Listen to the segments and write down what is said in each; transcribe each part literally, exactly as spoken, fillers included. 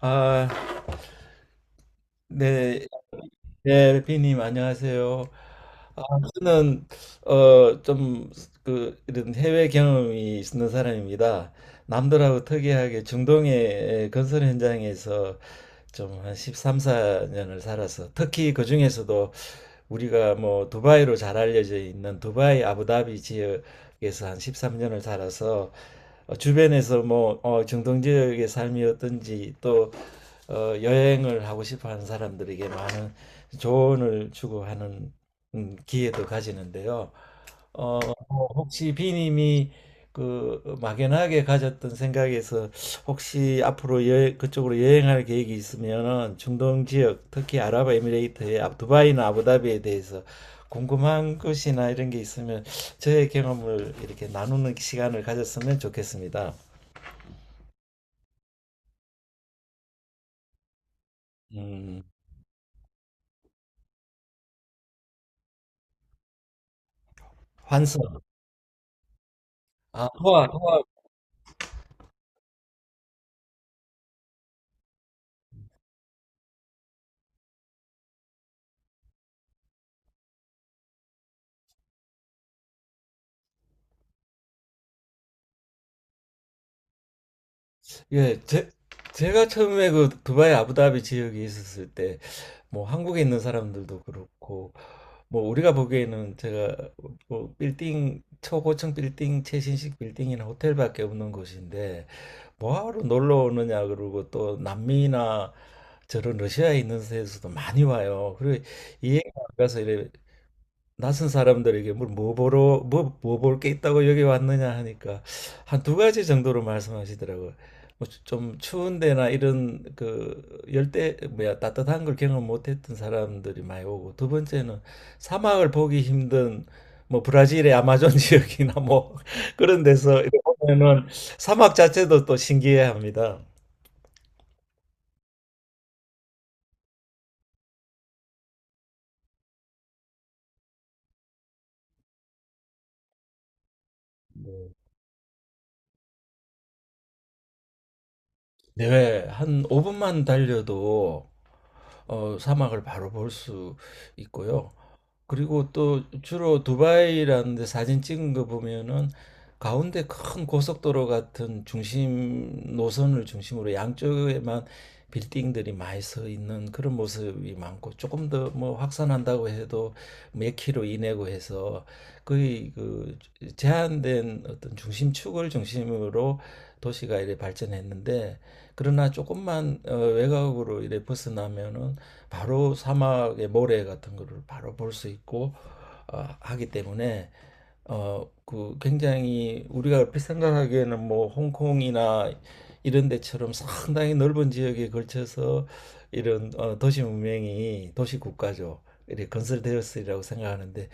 아, 네. 네, 비님 안녕하세요. 아, 저는 어, 좀 그 이런 해외 경험이 있는 사람입니다. 남들하고 특이하게 중동의 건설 현장에서 좀 한 십삼, 십사 년을 살아서, 특히 그 중에서도 우리가 뭐 두바이로 잘 알려져 있는 두바이 아부다비 지역에서 한 십삼 년을 살아서, 어, 주변에서 뭐 어, 중동 지역의 삶이 어떤지, 또 어, 여행을 하고 싶어 하는 사람들에게 많은 조언을 추구하는 음, 기회도 가지는데요. 어, 뭐 혹시 비님이 그 막연하게 가졌던 생각에서, 혹시 앞으로 여행, 그쪽으로 여행할 계획이 있으면은 중동 지역, 특히 아랍에미레이트의 아- 두바이나 아부다비에 대해서 궁금한 것이나 이런 게 있으면 저의 경험을 이렇게 나누는 시간을 가졌으면 좋겠습니다. 음, 환승. 아, 도하. 예, 제, 제가 처음에 그 두바이 아부다비 지역에 있었을 때, 뭐 한국에 있는 사람들도 그렇고, 뭐 우리가 보기에는 제가 뭐 빌딩, 초고층 빌딩, 최신식 빌딩이나 호텔밖에 없는 곳인데 뭐하러 놀러 오느냐, 그러고 또 남미나 저런 러시아에 있는 데서도 많이 와요. 그리고 이해가 안 가서 이래 낯선 사람들에게 뭘 뭐 보러 뭐 뭐 볼 게 있다고 여기 왔느냐 하니까 한 두 가지 정도로 말씀하시더라고요. 뭐 좀 추운 데나 이런 그 열대, 뭐야, 따뜻한 걸 경험 못했던 사람들이 많이 오고, 두 번째는 사막을 보기 힘든 뭐 브라질의 아마존 지역이나 뭐 그런 데서 이렇게 보면은 사막 자체도 또 신기해합니다. 네. 네, 한 오 분만 달려도 어, 사막을 바로 볼 수 있고요. 그리고 또 주로 두바이라는 데 사진 찍은 거 보면은 가운데 큰 고속도로 같은 중심 노선을 중심으로 양쪽에만 빌딩들이 많이 서 있는 그런 모습이 많고, 조금 더 뭐 확산한다고 해도 몇 킬로 이내고 해서 거의 그 제한된 어떤 중심축을 중심으로 도시가 이래 발전했는데, 그러나 조금만 어, 외곽으로 이래 벗어나면은 바로 사막의 모래 같은 거를 바로 볼 수 있고 어, 하기 때문에, 어, 그 굉장히, 우리가 얼핏 생각하기에는 뭐 홍콩이나 이런 데처럼 상당히 넓은 지역에 걸쳐서 이런 어, 도시 문명이, 도시 국가죠. 이렇게 건설되었으리라고 생각하는데,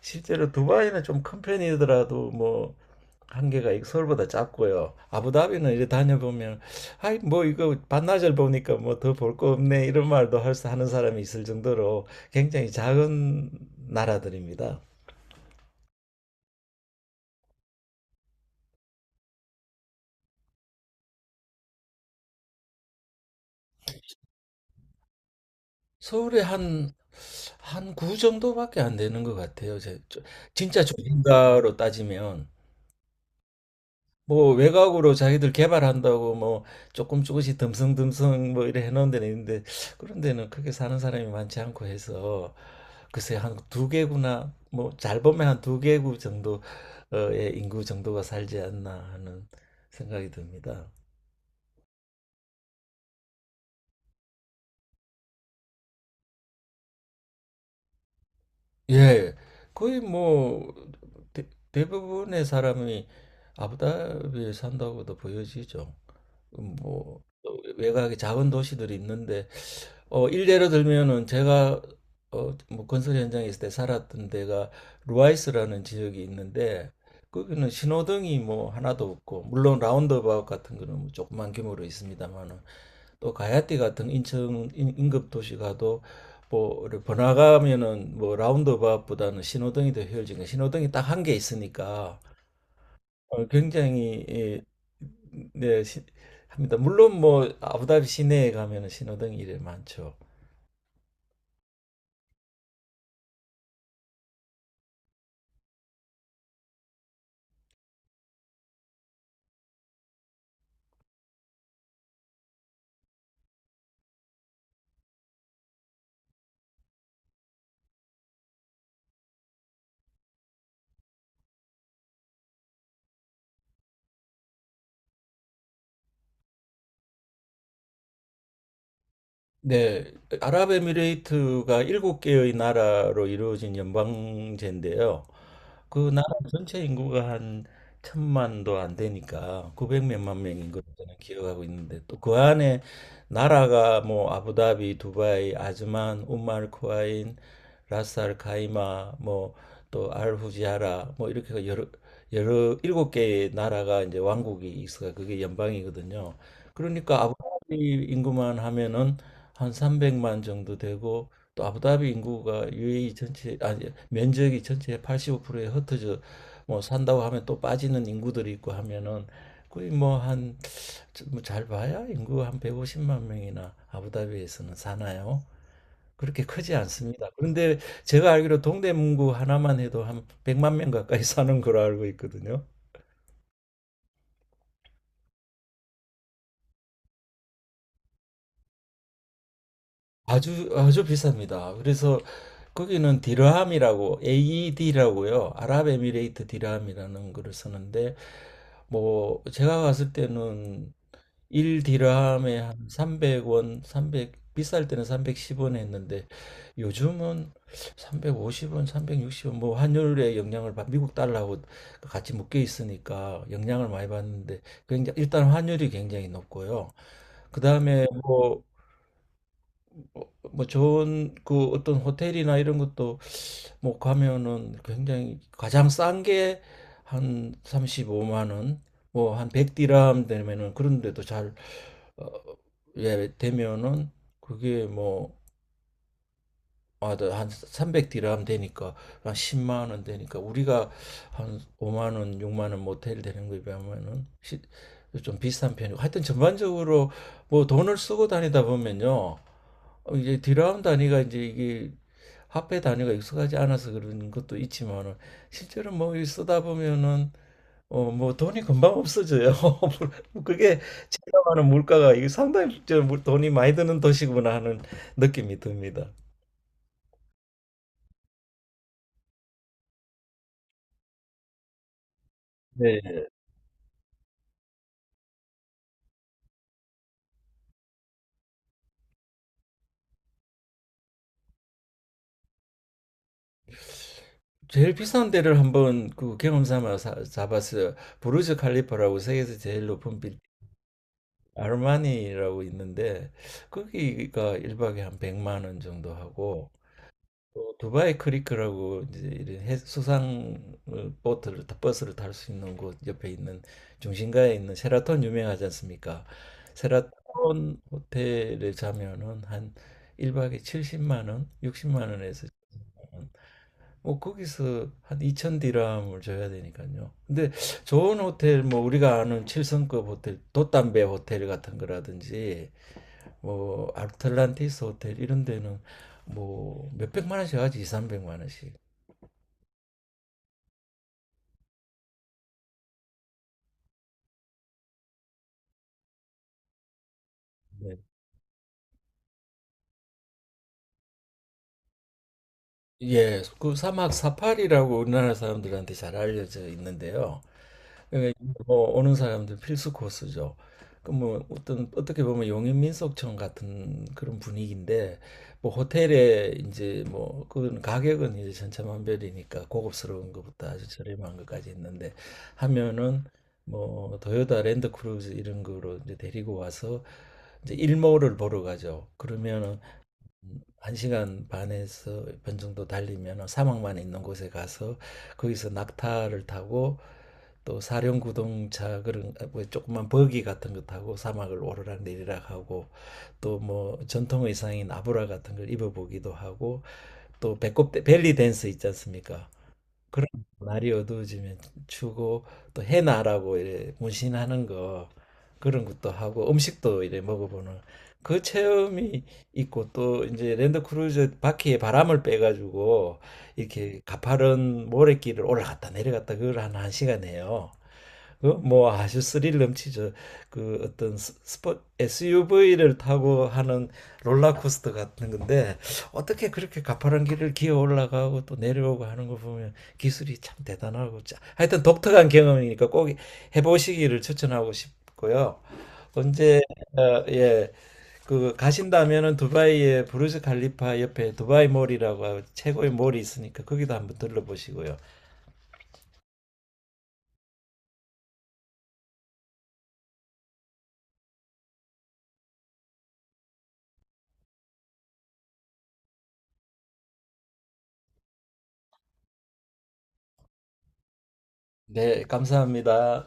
실제로 두바이는 좀 큰 편이더라도 뭐 한계가 서울보다 작고요. 아부다비는 이제 다녀보면 아이 뭐 이거 반나절 보니까 뭐 더 볼 거 없네, 이런 말도 할 수 하는 사람이 있을 정도로 굉장히 작은 나라들입니다. 서울에 한 한 구 정도밖에 안 되는 것 같아요. 제- 저- 진짜 조인가로 따지면 뭐 외곽으로 자기들 개발한다고 뭐 조금 조금씩 듬성듬성 뭐 이래 해놓은 데는 있는데, 그런 데는 크게 사는 사람이 많지 않고 해서 글쎄 한 두 개구나, 뭐 잘 보면 한 두 개구 정도의 인구 정도가 살지 않나 하는 생각이 듭니다. 예, 거의 뭐 대, 대부분의 사람이 아부다비에 산다고도 보여지죠. 뭐 외곽에 작은 도시들이 있는데, 어 일례로 들면은 제가 어뭐 건설 현장에 있을 때 살았던 데가 루아이스라는 지역이 있는데, 거기는 신호등이 뭐 하나도 없고, 물론 라운드바웃 같은 거는 뭐 조그만 규모로 있습니다만은, 또 가야띠 같은 인천 인- 인접 도시 가도 뭐 이렇게 번화가면은 뭐 라운드바웃보다는 신호등이 더 효율적인, 신호등이 딱 한 개 있으니까 어, 굉장히, 예, 네 시- 합니다. 물론 뭐 아부다비 시내에 가면 신호등 이래 많죠. 네, 아랍에미레이트가 일곱 개의 나라로 이루어진 연방제인데요. 그 나라 전체 인구가 한 천만도 안 되니까 구백 몇만 명인 걸로 저는 기억하고 있는데, 또 그 안에 나라가 뭐 아부다비, 두바이, 아즈만, 우말쿠 코아인, 라스알 카이마, 뭐 또 알후지아라, 뭐 이렇게 여러 여러 일곱 개의 나라가, 이제 왕국이 있어요. 그게 연방이거든요. 그러니까 아부다비 인구만 하면은 한 삼백만 정도 되고, 또 아부다비 인구가 유에이이 전체, 아니 면적이 전체의 팔십오 퍼센트에 흩어져 뭐 산다고 하면 또 빠지는 인구들이 있고 하면은 거의 뭐 한, 뭐 잘 봐야 인구 한 백오십만 명이나 아부다비에서는 사나요? 그렇게 크지 않습니다. 그런데 제가 알기로 동대문구 하나만 해도 한 백만 명 가까이 사는 걸로 알고 있거든요. 아주 아주 비쌉니다. 그래서 거기는 디르함이라고, 에이이디라고요. 아랍에미레이트 디르함이라는 거를 쓰는데, 뭐 제가 갔을 때는 일 디르함에 한 삼백 원, 삼백, 비쌀 때는 삼백십 원 했는데, 요즘은 삼백오십 원, 삼백육십 원, 뭐 환율의 영향을 받 미국 달러하고 같이 묶여 있으니까 영향을 많이 받는데, 굉장히, 일단 환율이 굉장히 높고요. 그다음에 뭐 어, 뭐 좋은 그 어떤 호텔이나 이런 것도 뭐 가면은 굉장히, 가장 싼 게 한 삼십오만 원, 뭐 한 백 디람 되면은, 그런데도 잘 어, 예, 되면은 그게 뭐, 아, 한 삼백 디람 되니까 한 십만 원 되니까, 우리가 한 오만 원, 육만 원 모텔 되는 거에 비하면은 시- 좀 비싼 편이고, 하여튼 전반적으로 뭐 돈을 쓰고 다니다 보면요, 어, 이제 디라운 단위가 이제 이게 화폐 단위가 익숙하지 않아서 그런 것도 있지만은, 실제로 뭐 쓰다 보면은 어 뭐 돈이 금방 없어져요. 그게 제가 하는, 물가가 이게 상당히 저 물- 돈이 많이 드는 도시구나 하는 느낌이 듭니다. 네. 제일 비싼 데를 한번 그 경험 삼아 사- 잡았어요. 부르즈 칼리파라고 세계에서 제일 높은 빌, 아르마니라고 있는데, 거기가 일박에한 백만 원 정도 하고, 어, 두바이 크리크라고, 이제 이런 해- 수상 어, 보트를 타- 버스를 탈 수 있는 곳 옆에 있는, 중심가에 있는 셰라톤 유명하지 않습니까? 셰라톤 호텔에 자면은 한 일 박에 칠십만 원, 육십만 원에서 자면 뭐 거기서 한 이천 디람을 줘야 되니까요. 근데 좋은 호텔, 뭐 우리가 아는 칠 성급 호텔, 돛담배 호텔 같은 거라든지 뭐 아틀란티스 호텔 이런 데는 뭐 몇백만 원씩 하지, 이삼백만 원씩. 네. 예, 그 사막 사파리라고 우리나라 사람들한테 잘 알려져 있는데요. 그러니까 뭐 오는 사람들 필수 코스죠. 그 뭐 어떤, 어떻게 보면 용인민속촌 같은 그런 분위기인데, 뭐 호텔에 이제 뭐 그건 가격은 이제 천차만별이니까, 고급스러운 것부터 아주 저렴한 것까지 있는데, 하면은 뭐 토요타 랜드크루즈 이런 거로 이제 데리고 와서 이제 일몰을 보러 가죠. 그러면은 한시간 반에서 반 정도 달리면 사막만 있는 곳에 가서, 거기서 낙타를 타고, 또 사륜 구동차, 그런 아, 뭐 조그만 버기 같은 거 타고 사막을 오르락 내리락 하고, 또 뭐 전통 의상인 아브라 같은 걸 입어보기도 하고, 또 배꼽, 벨리 댄스 있지 않습니까? 그런, 날이 어두워지면 추고, 또 해나라고 이래 문신하는 거, 그런 것도 하고 음식도 이래 먹어보는 그 체험이 있고, 또 이제 랜드크루저 바퀴에 바람을 빼가지고 이렇게 가파른 모래길을 올라갔다 내려갔다, 그걸 한 1시간 해요. 그 뭐 아주 스릴 넘치죠. 그 어떤 스- 스 에스유브이를 타고 하는 롤러코스터 같은 건데, 어떻게 그렇게 가파른 길을 기어 올라가고 또 내려오고 하는 거 보면 기술이 참 대단하고, 자- 하여튼 독특한 경험이니까 꼭 해보시기를 추천하고 싶고요. 언제 어, 예, 그 가신다면은 두바이의 부르즈 칼리파 옆에 두바이 몰이라고 최고의 몰이 있으니까 거기도 한번 들러보시고요. 네, 감사합니다.